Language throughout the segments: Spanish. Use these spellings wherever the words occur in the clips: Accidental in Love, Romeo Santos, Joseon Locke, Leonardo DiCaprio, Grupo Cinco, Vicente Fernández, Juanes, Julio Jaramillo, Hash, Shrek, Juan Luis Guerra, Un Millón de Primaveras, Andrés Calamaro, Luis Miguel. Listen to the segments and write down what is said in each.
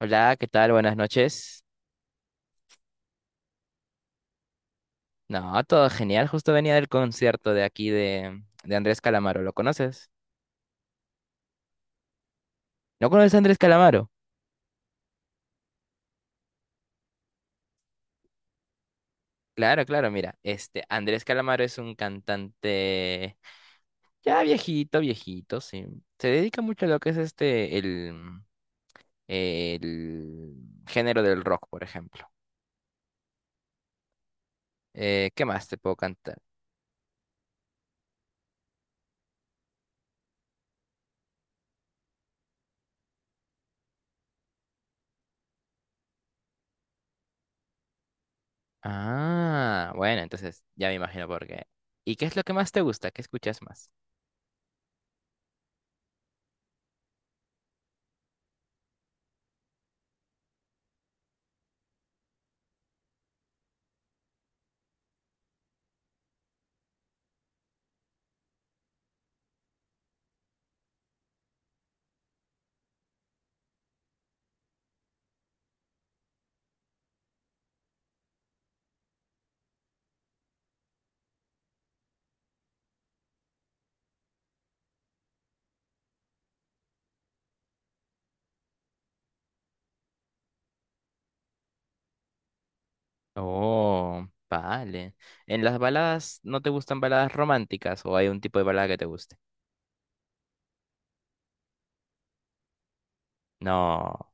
Hola, ¿qué tal? Buenas noches. No, todo genial. Justo venía del concierto de aquí de Andrés Calamaro. ¿Lo conoces? ¿No conoces a Andrés Calamaro? Claro, claro, mira. Andrés Calamaro es un cantante ya viejito, viejito, sí. Se dedica mucho a lo que es este, el, mm, el género del rock, por ejemplo. ¿Qué más te puedo cantar? Ah, bueno, entonces ya me imagino por qué. ¿Y qué es lo que más te gusta? ¿Qué escuchas más? Oh, vale. ¿En las baladas no te gustan baladas románticas o hay un tipo de balada que te guste? No,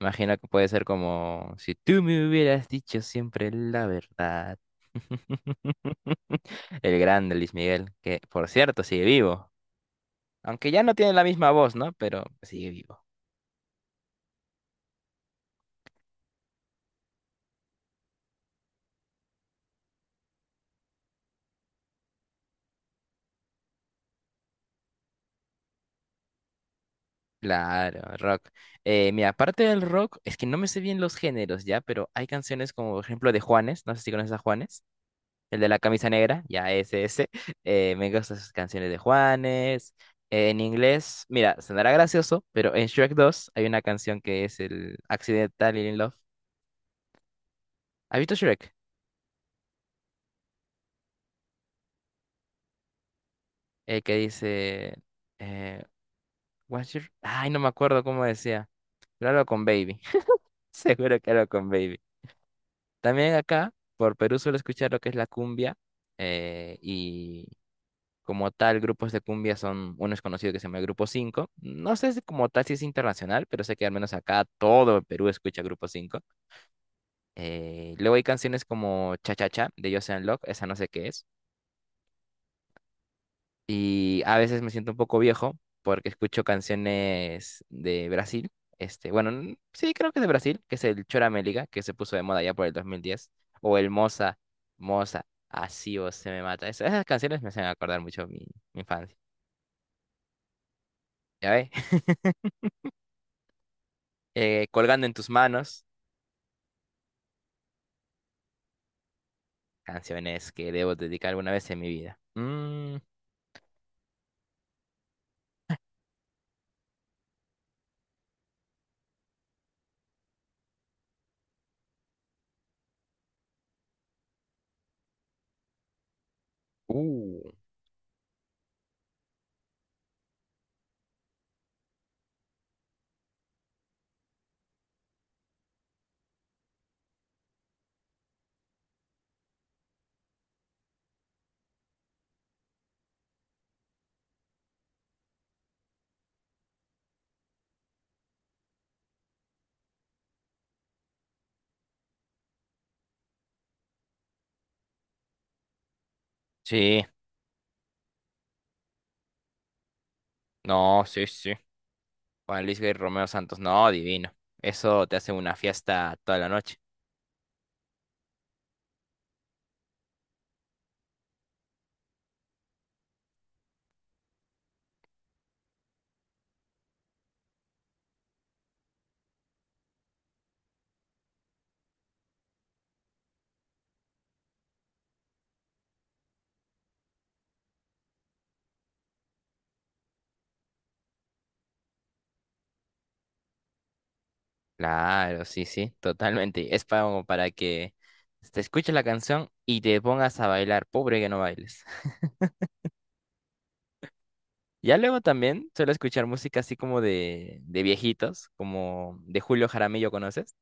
imagino que puede ser como si tú me hubieras dicho siempre la verdad. El grande Luis Miguel, que por cierto sigue vivo. Aunque ya no tiene la misma voz, ¿no? Pero sigue vivo. Claro, rock. Mira, aparte del rock, es que no me sé bien los géneros ya, pero hay canciones como por ejemplo de Juanes, no sé si conoces a Juanes. El de la camisa negra, ya ese. Me gustan sus canciones de Juanes. En inglés, mira, sonará gracioso, pero en Shrek 2 hay una canción que es el Accidental in Love. ¿Has visto Shrek? El que dice... Eh, Ay, no me acuerdo cómo decía. Pero algo con Baby. Seguro que algo con Baby. También acá, por Perú, suelo escuchar lo que es la cumbia. eh, y Como tal, grupos de cumbia son, uno es conocido que se llama Grupo 5. No sé si como tal si es internacional, pero sé que al menos acá todo el Perú escucha Grupo 5. Luego hay canciones como Cha Cha Cha de Joseon Locke, esa no sé qué es. Y a veces me siento un poco viejo porque escucho canciones de Brasil. Sí, creo que es de Brasil, que es el chora meliga que se puso de moda ya por el 2010. O el Moza, Moza, así o se me mata. Esas canciones me hacen acordar mucho mi infancia. ¿Ya ve? Colgando en tus manos, canciones que debo dedicar alguna vez en mi vida. Uh, sí, no, sí, sí. Juan Luis Guerra y Romeo Santos, no, divino. Eso te hace una fiesta toda la noche. Claro, sí, sí, totalmente. Es para, como para que te escuches la canción y te pongas a bailar. Pobre que no bailes. Ya luego también suelo escuchar música así como de viejitos, como de Julio Jaramillo, ¿conoces?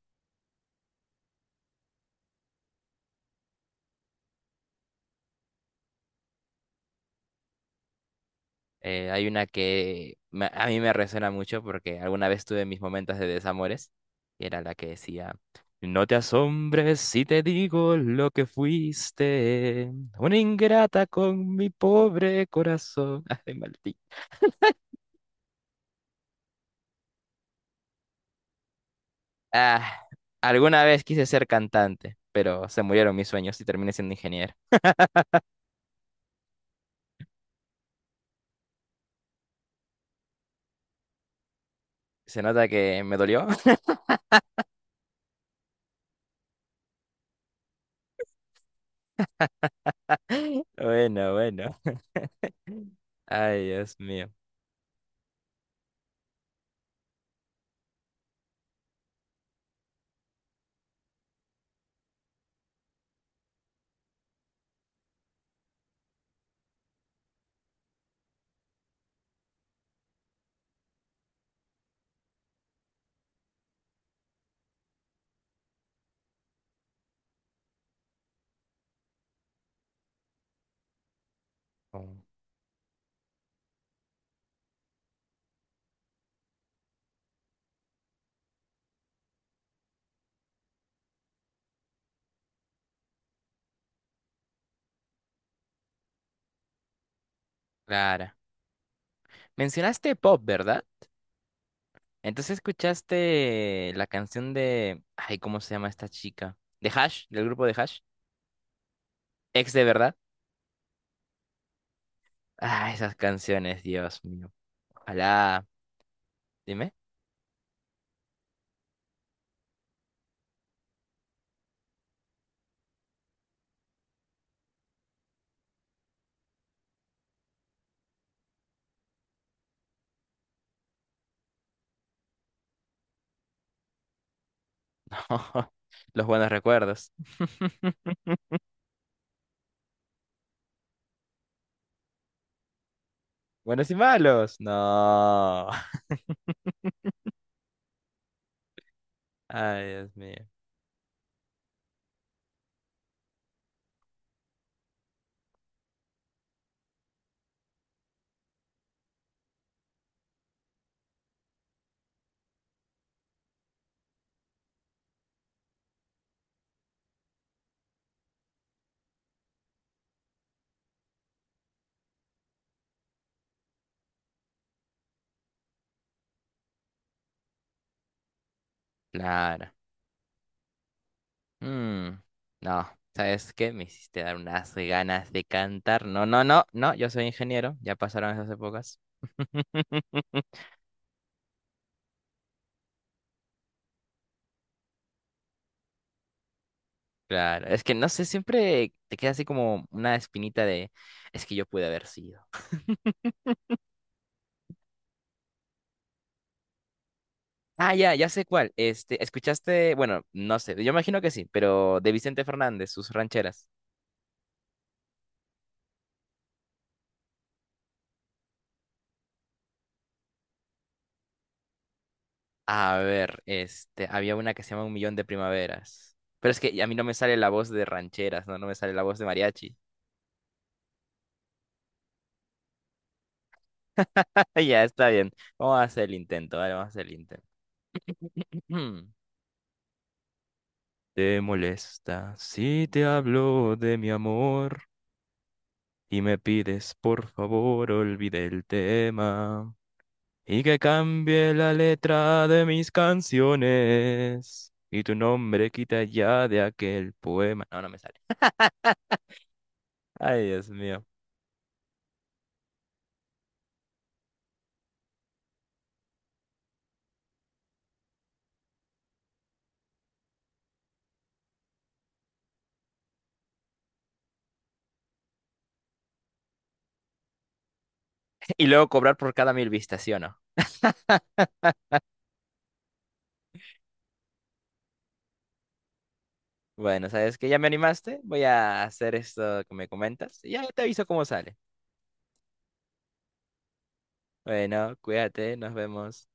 Hay una que a mí me resuena mucho porque alguna vez tuve mis momentos de desamores y era la que decía, no te asombres si te digo lo que fuiste, una ingrata con mi pobre corazón. Ay, maldito. Ah, alguna vez quise ser cantante, pero se murieron mis sueños y terminé siendo ingeniero. Se nota que me dolió. Bueno, bueno. Ay, Dios mío. Clara. Mencionaste pop, ¿verdad? Entonces escuchaste la canción de... Ay, ¿cómo se llama esta chica? De Hash, del grupo de Hash. Ex de verdad. Ah, esas canciones, Dios mío. Ojalá. Dime. No. Los buenos recuerdos. Buenos y malos. No. Ay, Dios mío. Claro. Mm. No. ¿Sabes qué? Me hiciste dar unas ganas de cantar. No, no, no, no. Yo soy ingeniero. Ya pasaron esas épocas. Claro, es que no sé, siempre te queda así como una espinita de, es que yo pude haber sido. Ah, ya, ya sé cuál. Escuchaste, bueno, no sé, yo imagino que sí, pero de Vicente Fernández, sus rancheras. A ver, había una que se llama Un Millón de Primaveras. Pero es que a mí no me sale la voz de rancheras, no, no me sale la voz de mariachi. Ya, está bien. Vamos a hacer el intento, vale, vamos a hacer el intento. ¿Te molesta si te hablo de mi amor? Y me pides por favor olvide el tema y que cambie la letra de mis canciones y tu nombre quita ya de aquel poema. No, no me sale. Ay, Dios mío. Y luego cobrar por cada 1000 vistas, ¿sí o no? Bueno, ¿sabes que Ya me animaste. Voy a hacer esto que me comentas y ya te aviso cómo sale. Bueno, cuídate, nos vemos.